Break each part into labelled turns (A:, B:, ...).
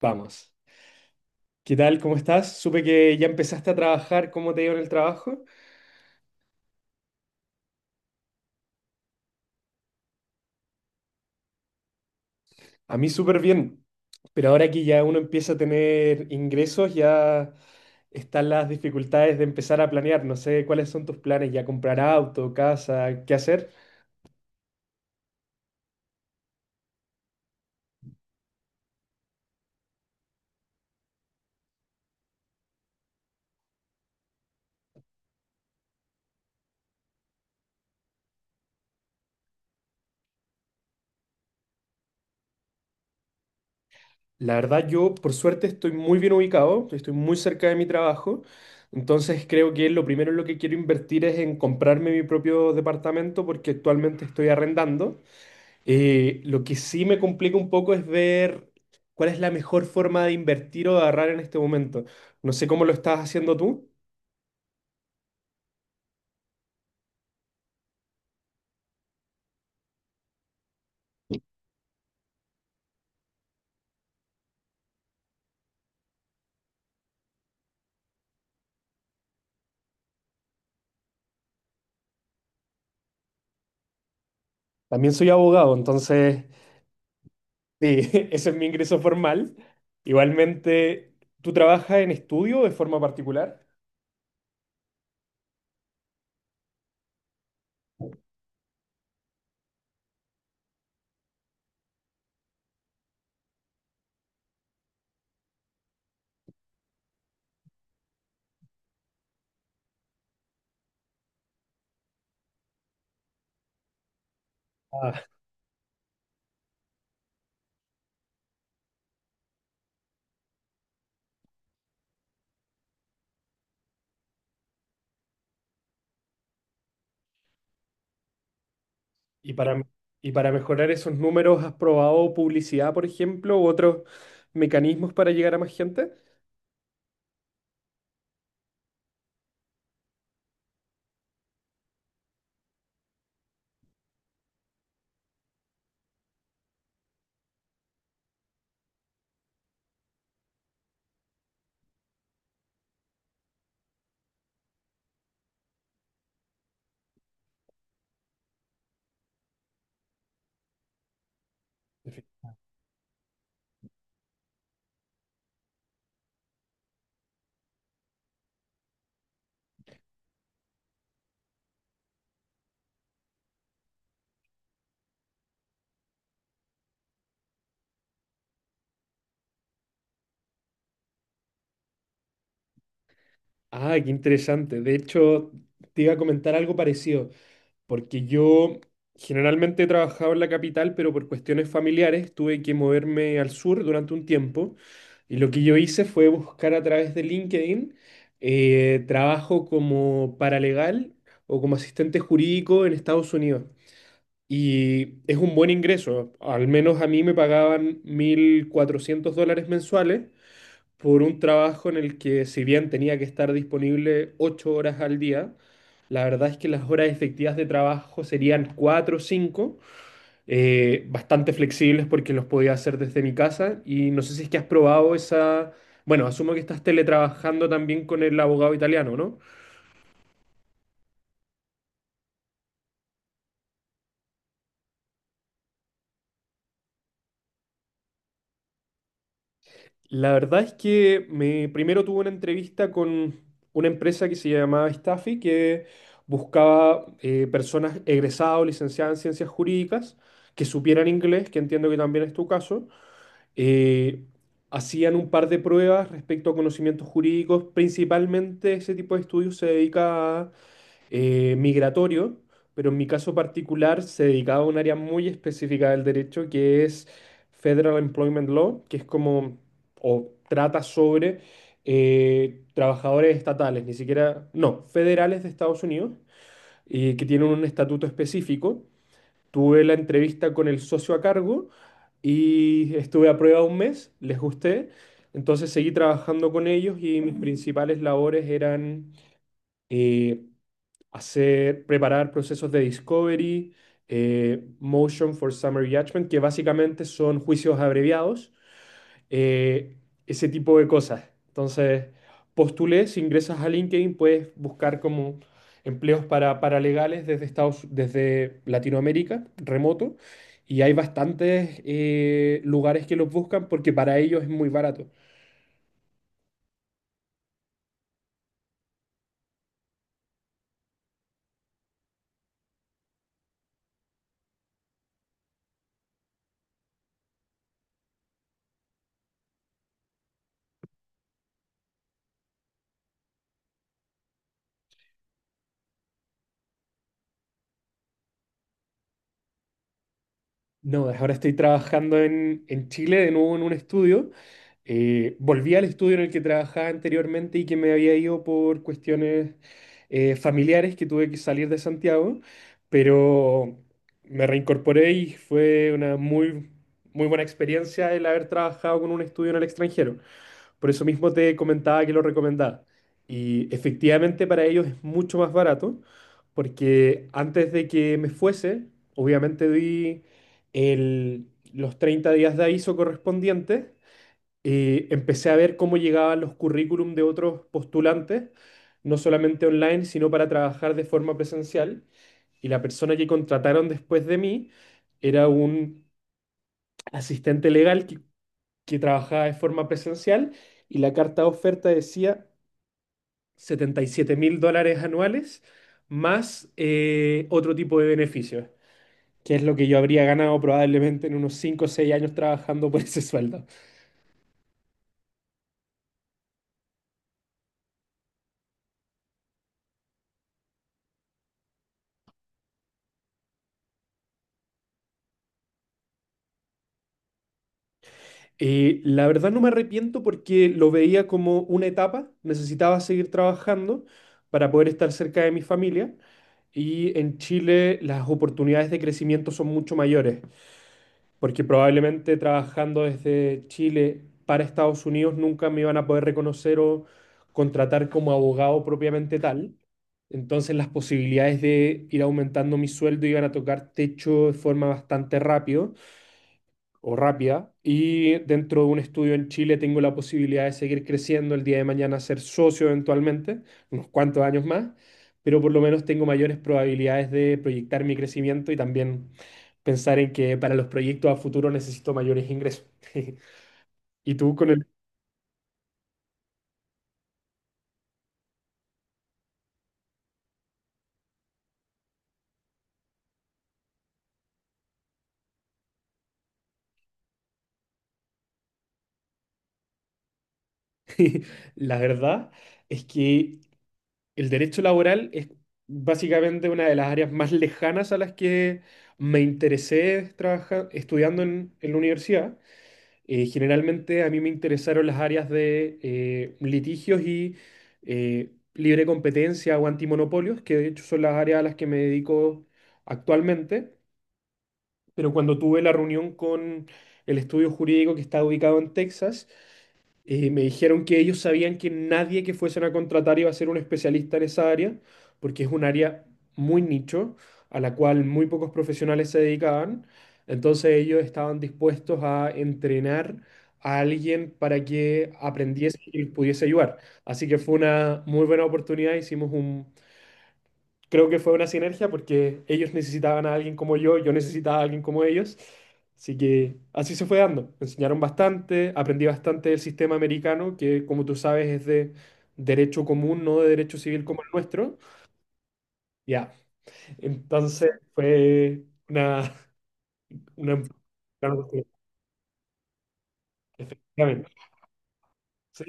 A: Vamos. ¿Qué tal? ¿Cómo estás? Supe que ya empezaste a trabajar. ¿Cómo te ha ido en el trabajo? A mí súper bien. Pero ahora que ya uno empieza a tener ingresos, ya están las dificultades de empezar a planear. No sé cuáles son tus planes, ya comprar auto, casa, qué hacer. La verdad, yo por suerte estoy muy bien ubicado, estoy muy cerca de mi trabajo. Entonces creo que lo primero en lo que quiero invertir es en comprarme mi propio departamento porque actualmente estoy arrendando. Lo que sí me complica un poco es ver cuál es la mejor forma de invertir o de ahorrar en este momento. No sé cómo lo estás haciendo tú. También soy abogado, entonces, sí, ese es mi ingreso formal. Igualmente, ¿tú trabajas en estudio de forma particular? Ah, y para, y para mejorar esos números, ¿has probado publicidad, por ejemplo, u otros mecanismos para llegar a más gente? Ah, qué interesante. De hecho, te iba a comentar algo parecido. Porque yo generalmente he trabajado en la capital, pero por cuestiones familiares tuve que moverme al sur durante un tiempo. Y lo que yo hice fue buscar a través de LinkedIn trabajo como paralegal o como asistente jurídico en Estados Unidos. Y es un buen ingreso. Al menos a mí me pagaban $1,400 mensuales por un trabajo en el que si bien tenía que estar disponible 8 horas al día, la verdad es que las horas efectivas de trabajo serían cuatro o cinco, bastante flexibles porque los podía hacer desde mi casa y no sé si es que has probado esa, bueno, asumo que estás teletrabajando también con el abogado italiano, ¿no? La verdad es que me, primero tuve una entrevista con una empresa que se llamaba Staffy, que buscaba personas egresadas o licenciadas en ciencias jurídicas que supieran inglés, que entiendo que también es tu caso. Eh, Hacían un par de pruebas respecto a conocimientos jurídicos. Principalmente ese tipo de estudios se dedica a migratorio, pero en mi caso particular se dedicaba a un área muy específica del derecho que es Federal Employment Law, que es como, o trata sobre trabajadores estatales, ni siquiera, no, federales de Estados Unidos, y que tienen un estatuto específico. Tuve la entrevista con el socio a cargo y estuve a prueba un mes, les gusté. Entonces seguí trabajando con ellos y mis principales labores eran eh, hacer, preparar procesos de discovery, motion for summary judgment, que básicamente son juicios abreviados, eh, ese tipo de cosas. Entonces, postulé, si ingresas a LinkedIn, puedes buscar como empleos para paralegales desde Estados, desde Latinoamérica, remoto, y hay bastantes lugares que los buscan porque para ellos es muy barato. No, ahora estoy trabajando en Chile de nuevo en un estudio. Volví al estudio en el que trabajaba anteriormente y que me había ido por cuestiones familiares que tuve que salir de Santiago, pero me reincorporé y fue una muy buena experiencia el haber trabajado con un estudio en el extranjero. Por eso mismo te comentaba que lo recomendaba. Y efectivamente para ellos es mucho más barato, porque antes de que me fuese, obviamente di el- los 30 días de aviso correspondientes, empecé a ver cómo llegaban los currículum de otros postulantes, no solamente online, sino para trabajar de forma presencial. Y la persona que contrataron después de mí era un asistente legal que trabajaba de forma presencial y la carta de oferta decía $77,000 anuales más otro tipo de beneficios, que es lo que yo habría ganado probablemente en unos 5 o 6 años trabajando por ese sueldo. La verdad no me arrepiento porque lo veía como una etapa, necesitaba seguir trabajando para poder estar cerca de mi familia. Y en Chile las oportunidades de crecimiento son mucho mayores. Porque probablemente trabajando desde Chile para Estados Unidos nunca me iban a poder reconocer o contratar como abogado propiamente tal. Entonces las posibilidades de ir aumentando mi sueldo iban a tocar techo de forma bastante rápido o rápida. Y dentro de un estudio en Chile tengo la posibilidad de seguir creciendo el día de mañana, ser socio eventualmente, unos cuantos años más, pero por lo menos tengo mayores probabilidades de proyectar mi crecimiento y también pensar en que para los proyectos a futuro necesito mayores ingresos. Y tú con el... La verdad es que el derecho laboral es básicamente una de las áreas más lejanas a las que me interesé estudiando en la universidad. Generalmente a mí me interesaron las áreas de litigios y libre competencia o antimonopolios, que de hecho son las áreas a las que me dedico actualmente. Pero cuando tuve la reunión con el estudio jurídico que está ubicado en Texas, me dijeron que ellos sabían que nadie que fuesen a contratar iba a ser un especialista en esa área, porque es un área muy nicho, a la cual muy pocos profesionales se dedicaban. Entonces ellos estaban dispuestos a entrenar a alguien para que aprendiese y les pudiese ayudar. Así que fue una muy buena oportunidad. Hicimos un Creo que fue una sinergia porque ellos necesitaban a alguien como yo necesitaba a alguien como ellos. Así que así se fue dando. Me enseñaron bastante, aprendí bastante del sistema americano, que como tú sabes es de derecho común, no de derecho civil como el nuestro. Ya, entonces fue una, una, una oportunidad. Efectivamente. Sí,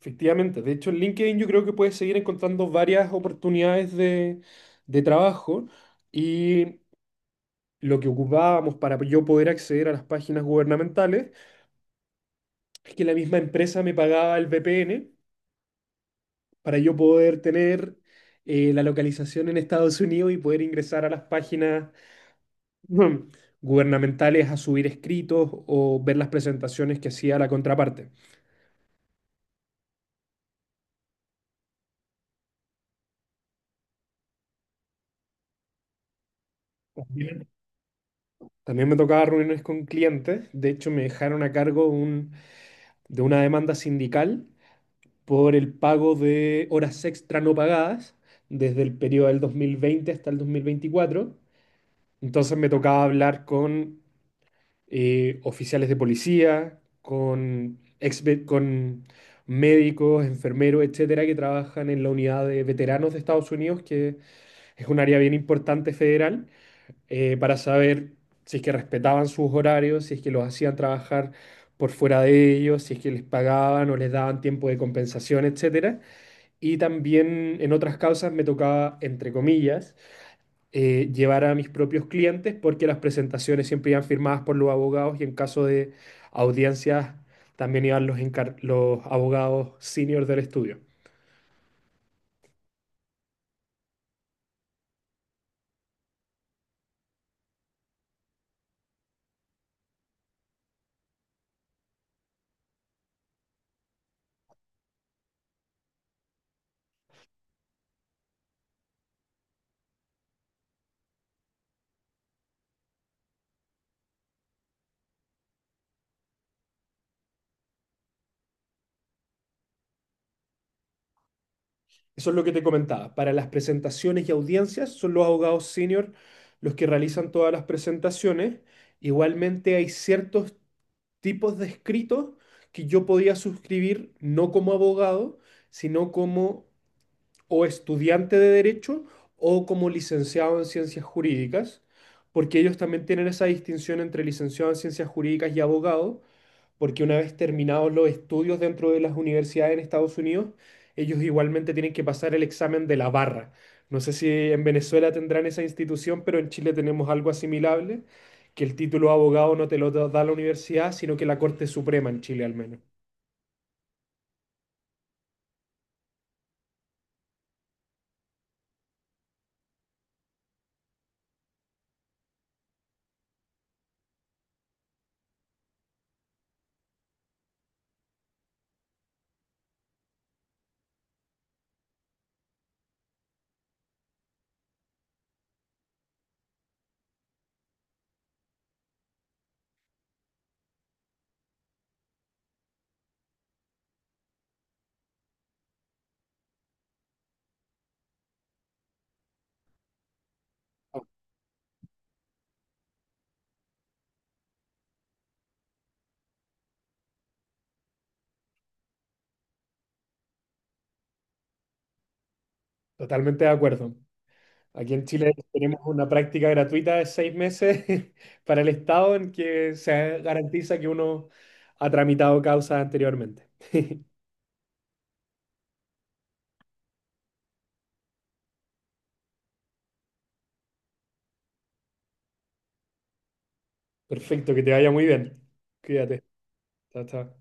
A: efectivamente. De hecho, en LinkedIn yo creo que puedes seguir encontrando varias oportunidades de trabajo. Y lo que ocupábamos para yo poder acceder a las páginas gubernamentales, es que la misma empresa me pagaba el VPN para yo poder tener la localización en Estados Unidos y poder ingresar a las páginas mm, gubernamentales a subir escritos o ver las presentaciones que hacía la contraparte. Bien. También me tocaba reuniones con clientes, de hecho me dejaron a cargo de una demanda sindical por el pago de horas extra no pagadas desde el periodo del 2020 hasta el 2024. Entonces me tocaba hablar con oficiales de policía, con médicos, enfermeros, etcétera, que trabajan en la unidad de veteranos de Estados Unidos, que es un área bien importante federal, para saber si es que respetaban sus horarios, si es que los hacían trabajar por fuera de ellos, si es que les pagaban o les daban tiempo de compensación, etcétera. Y también en otras causas me tocaba, entre comillas, llevar a mis propios clientes porque las presentaciones siempre iban firmadas por los abogados y en caso de audiencias también iban los abogados senior del estudio. Eso es lo que te comentaba. Para las presentaciones y audiencias son los abogados senior los que realizan todas las presentaciones. Igualmente hay ciertos tipos de escritos que yo podía suscribir no como abogado, sino como o estudiante de derecho o como licenciado en ciencias jurídicas, porque ellos también tienen esa distinción entre licenciado en ciencias jurídicas y abogado, porque una vez terminados los estudios dentro de las universidades en Estados Unidos, ellos igualmente tienen que pasar el examen de la barra. No sé si en Venezuela tendrán esa institución, pero en Chile tenemos algo asimilable, que el título de abogado no te lo da la universidad, sino que la Corte Suprema en Chile al menos. Totalmente de acuerdo. Aquí en Chile tenemos una práctica gratuita de 6 meses para el Estado en que se garantiza que uno ha tramitado causas anteriormente. Perfecto, que te vaya muy bien. Cuídate. Chao, chao.